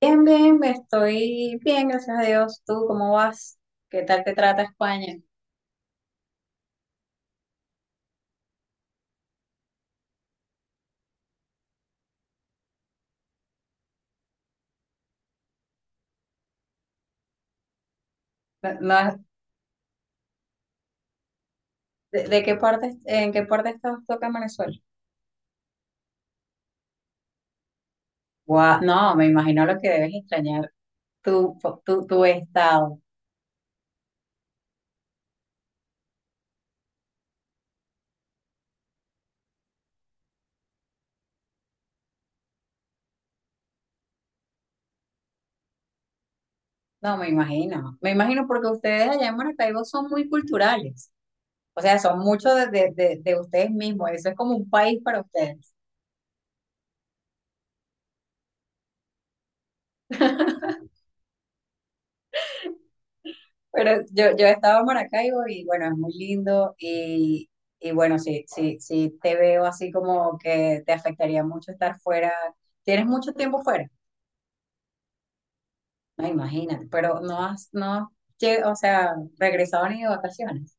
Bien, bien, estoy bien, gracias a Dios. ¿Tú cómo vas? ¿Qué tal te trata España? No, no, ¿de, qué parte, en qué parte estás tú acá en Venezuela? Guau, no, me imagino lo que debes extrañar tu, tu estado. No, me imagino. Me imagino porque ustedes allá en Maracaibo son muy culturales. O sea, son mucho de, de ustedes mismos. Eso es como un país para ustedes. Pero yo he estado en Maracaibo y bueno, es muy lindo y bueno, sí, sí, sí te veo así como que te afectaría mucho estar fuera. Tienes mucho tiempo fuera, no, imagínate, pero no has regresado ni de vacaciones.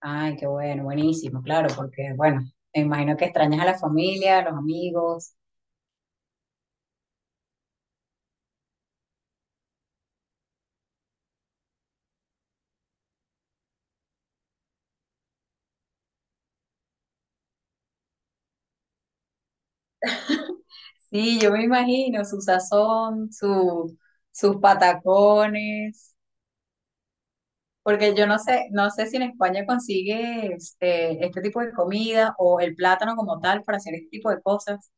Ay, qué bueno, buenísimo, claro, porque bueno, me imagino que extrañas a la familia, a los amigos. Sí, yo me imagino su sazón, su, sus patacones. Porque yo no sé, no sé si en España consigues este tipo de comida o el plátano como tal para hacer este tipo de cosas.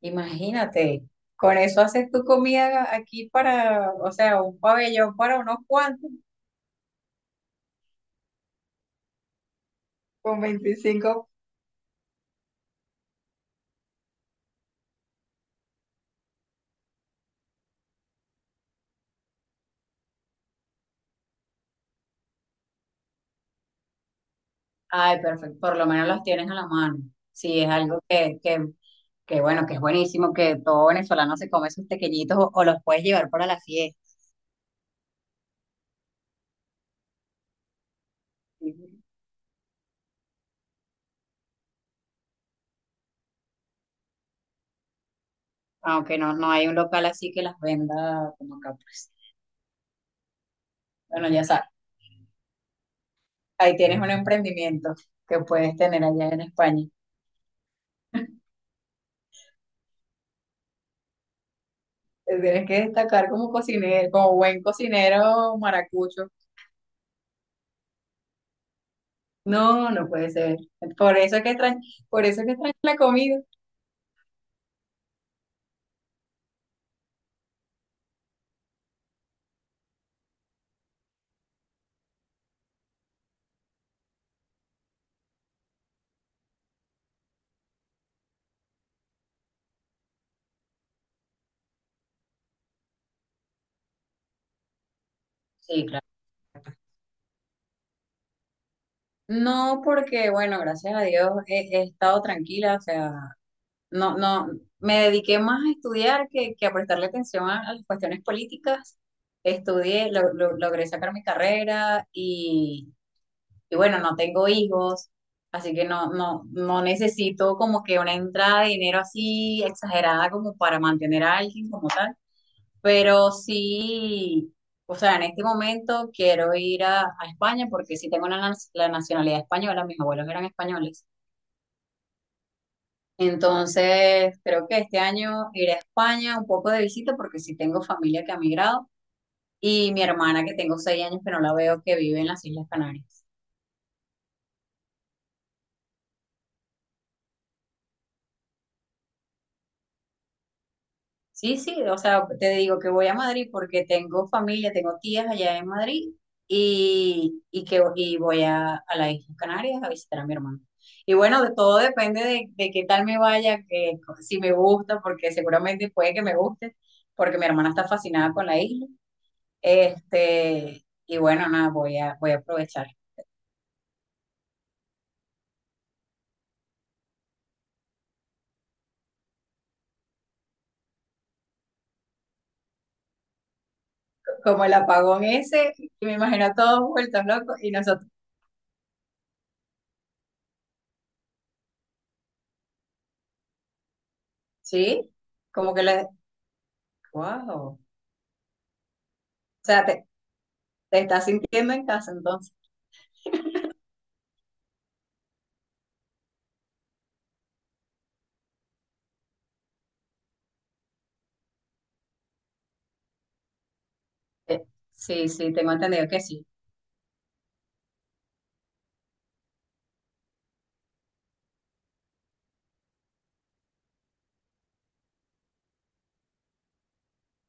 Imagínate, con eso haces tu comida aquí para, o sea, un pabellón para unos cuantos, con 25. Ay, perfecto, por lo menos los tienes a la mano. Sí, es algo que bueno, que es buenísimo, que todo venezolano se come sus tequeñitos o los puedes llevar para la fiesta. Ujú. Aunque no, no hay un local así que las venda como acá, pues. Bueno, ya sabes. Ahí tienes un emprendimiento que puedes tener allá en España. Te Tienes que destacar como cocinero, como buen cocinero maracucho. No, no puede ser. Por eso es que extraño, por eso es que extraño la comida. Sí, claro. No, porque bueno, gracias a Dios he estado tranquila, o sea, no, no, me dediqué más a estudiar que a prestarle atención a las cuestiones políticas. Estudié, logré sacar mi carrera y. Y bueno, no tengo hijos, así que no, no, no necesito como que una entrada de dinero así exagerada como para mantener a alguien como tal. Pero sí, o sea, en este momento quiero ir a España porque sí tengo la nacionalidad española, mis abuelos eran españoles. Entonces, creo que este año iré a España un poco de visita porque sí tengo familia que ha migrado y mi hermana que tengo 6 años que no la veo que vive en las Islas Canarias. Sí, sí, o sea, te digo que voy a Madrid porque tengo familia, tengo tías allá en Madrid y que y voy a las Islas Canarias a visitar a mi hermano. Y bueno, de todo depende de qué tal me vaya, que si me gusta, porque seguramente puede que me guste, porque mi hermana está fascinada con la isla. Este, y bueno, nada, voy a, voy a aprovechar. Como el apagón ese, me imagino a todos vueltos locos y nosotros, sí, como que le, wow. O sea, ¿te estás sintiendo en casa entonces? Eh, Sí, sí, tengo entendido que sí.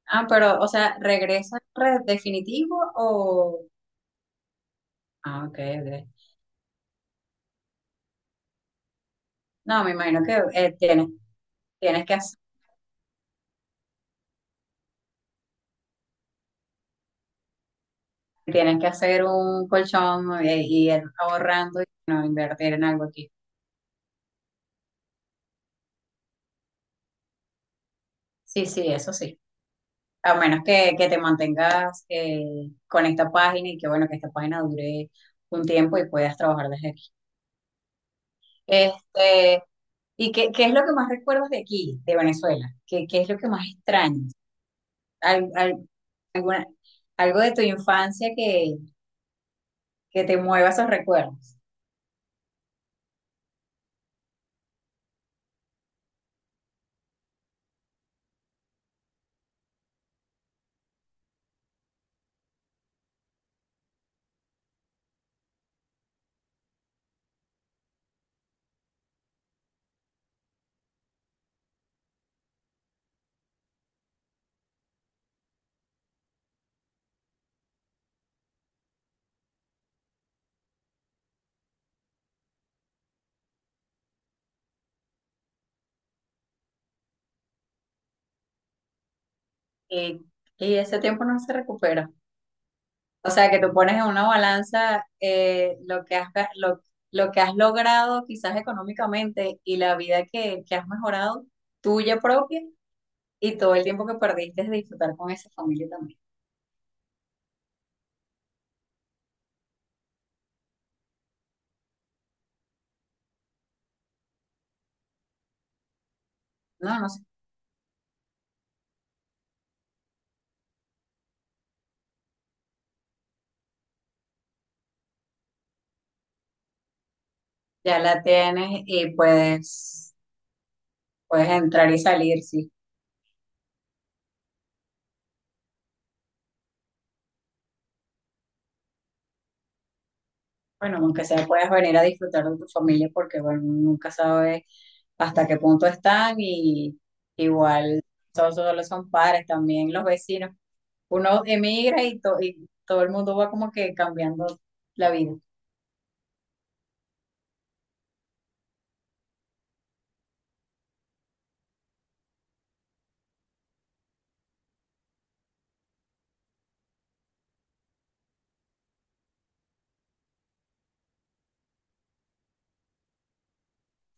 Ah, pero, o sea, ¿regresa definitivo o...? Ah, ok, ok. No, me imagino que tienes, tienes que hacer, tienes que hacer un colchón y ir ahorrando y no invertir en algo aquí. Sí, sí, eso sí. A menos que te mantengas con esta página y que, bueno, que esta página dure un tiempo y puedas trabajar desde. Este, ¿y qué, qué es lo que más recuerdas de aquí, de Venezuela? ¿Qué, qué es lo que más extrañas? Al- al- alguna- algo de tu infancia que te mueva esos recuerdos. Y, y ese tiempo no se recupera. O sea, que tú pones en una balanza lo que has, lo que has logrado quizás económicamente y la vida que has mejorado, tuya propia, y todo el tiempo que perdiste de disfrutar con esa familia también. No, no sé, ya la tienes y puedes. Puedes entrar y salir, sí. Bueno, aunque sea puedes venir a disfrutar de tu familia porque, bueno, nunca sabes hasta qué punto están y igual todos solo son padres, también los vecinos. Uno emigra y, y todo el mundo va como que cambiando la vida.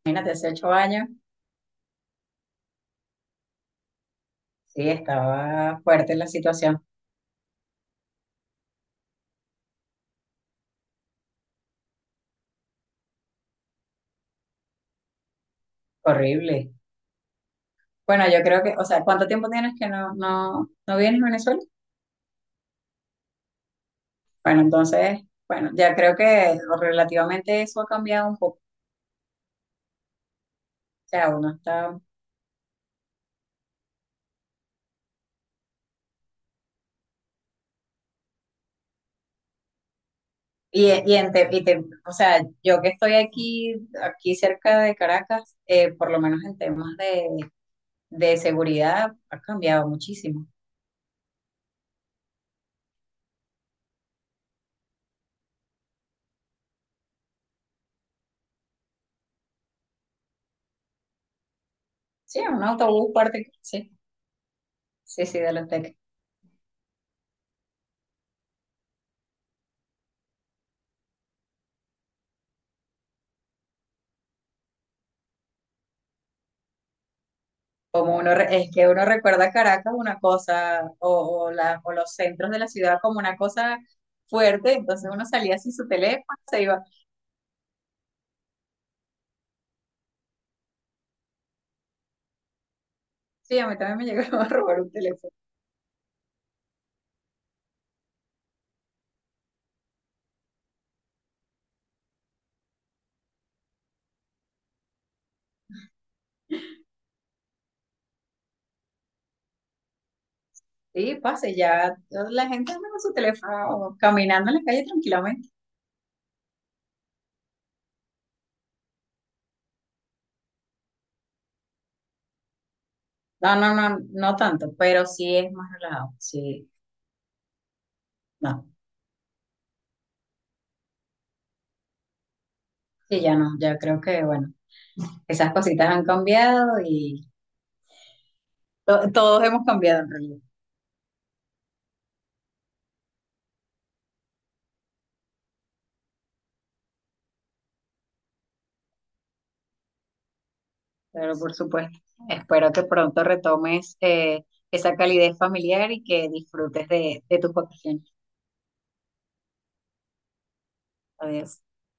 Imagínate, hace 8 años, sí, estaba fuerte la situación, horrible. Bueno, yo creo que, o sea, ¿cuánto tiempo tienes que no, no, no vienes a Venezuela? Bueno, entonces, bueno, ya creo que relativamente eso ha cambiado un poco. O sea, uno está. Y, y, en Te- y Te- o sea, yo que estoy aquí, aquí cerca de Caracas, por lo menos en temas de seguridad, ha cambiado muchísimo. Sí, un autobús parte, sí, sí, sí, de los teques. Como uno, es que uno recuerda Caracas una cosa, o, o los centros de la ciudad como una cosa fuerte, entonces uno salía sin su teléfono, se iba, sí, a mí también me llegaron a robar un teléfono. Sí, pase, ya la gente anda con su teléfono caminando en la calle tranquilamente. No, no, no, no tanto, pero sí es más relajado. Sí, no, sí, ya no, ya creo que, bueno, esas cositas han cambiado y todos hemos cambiado en realidad. Pero por supuesto, espero que pronto retomes esa calidez familiar y que disfrutes de tus vacaciones. Adiós.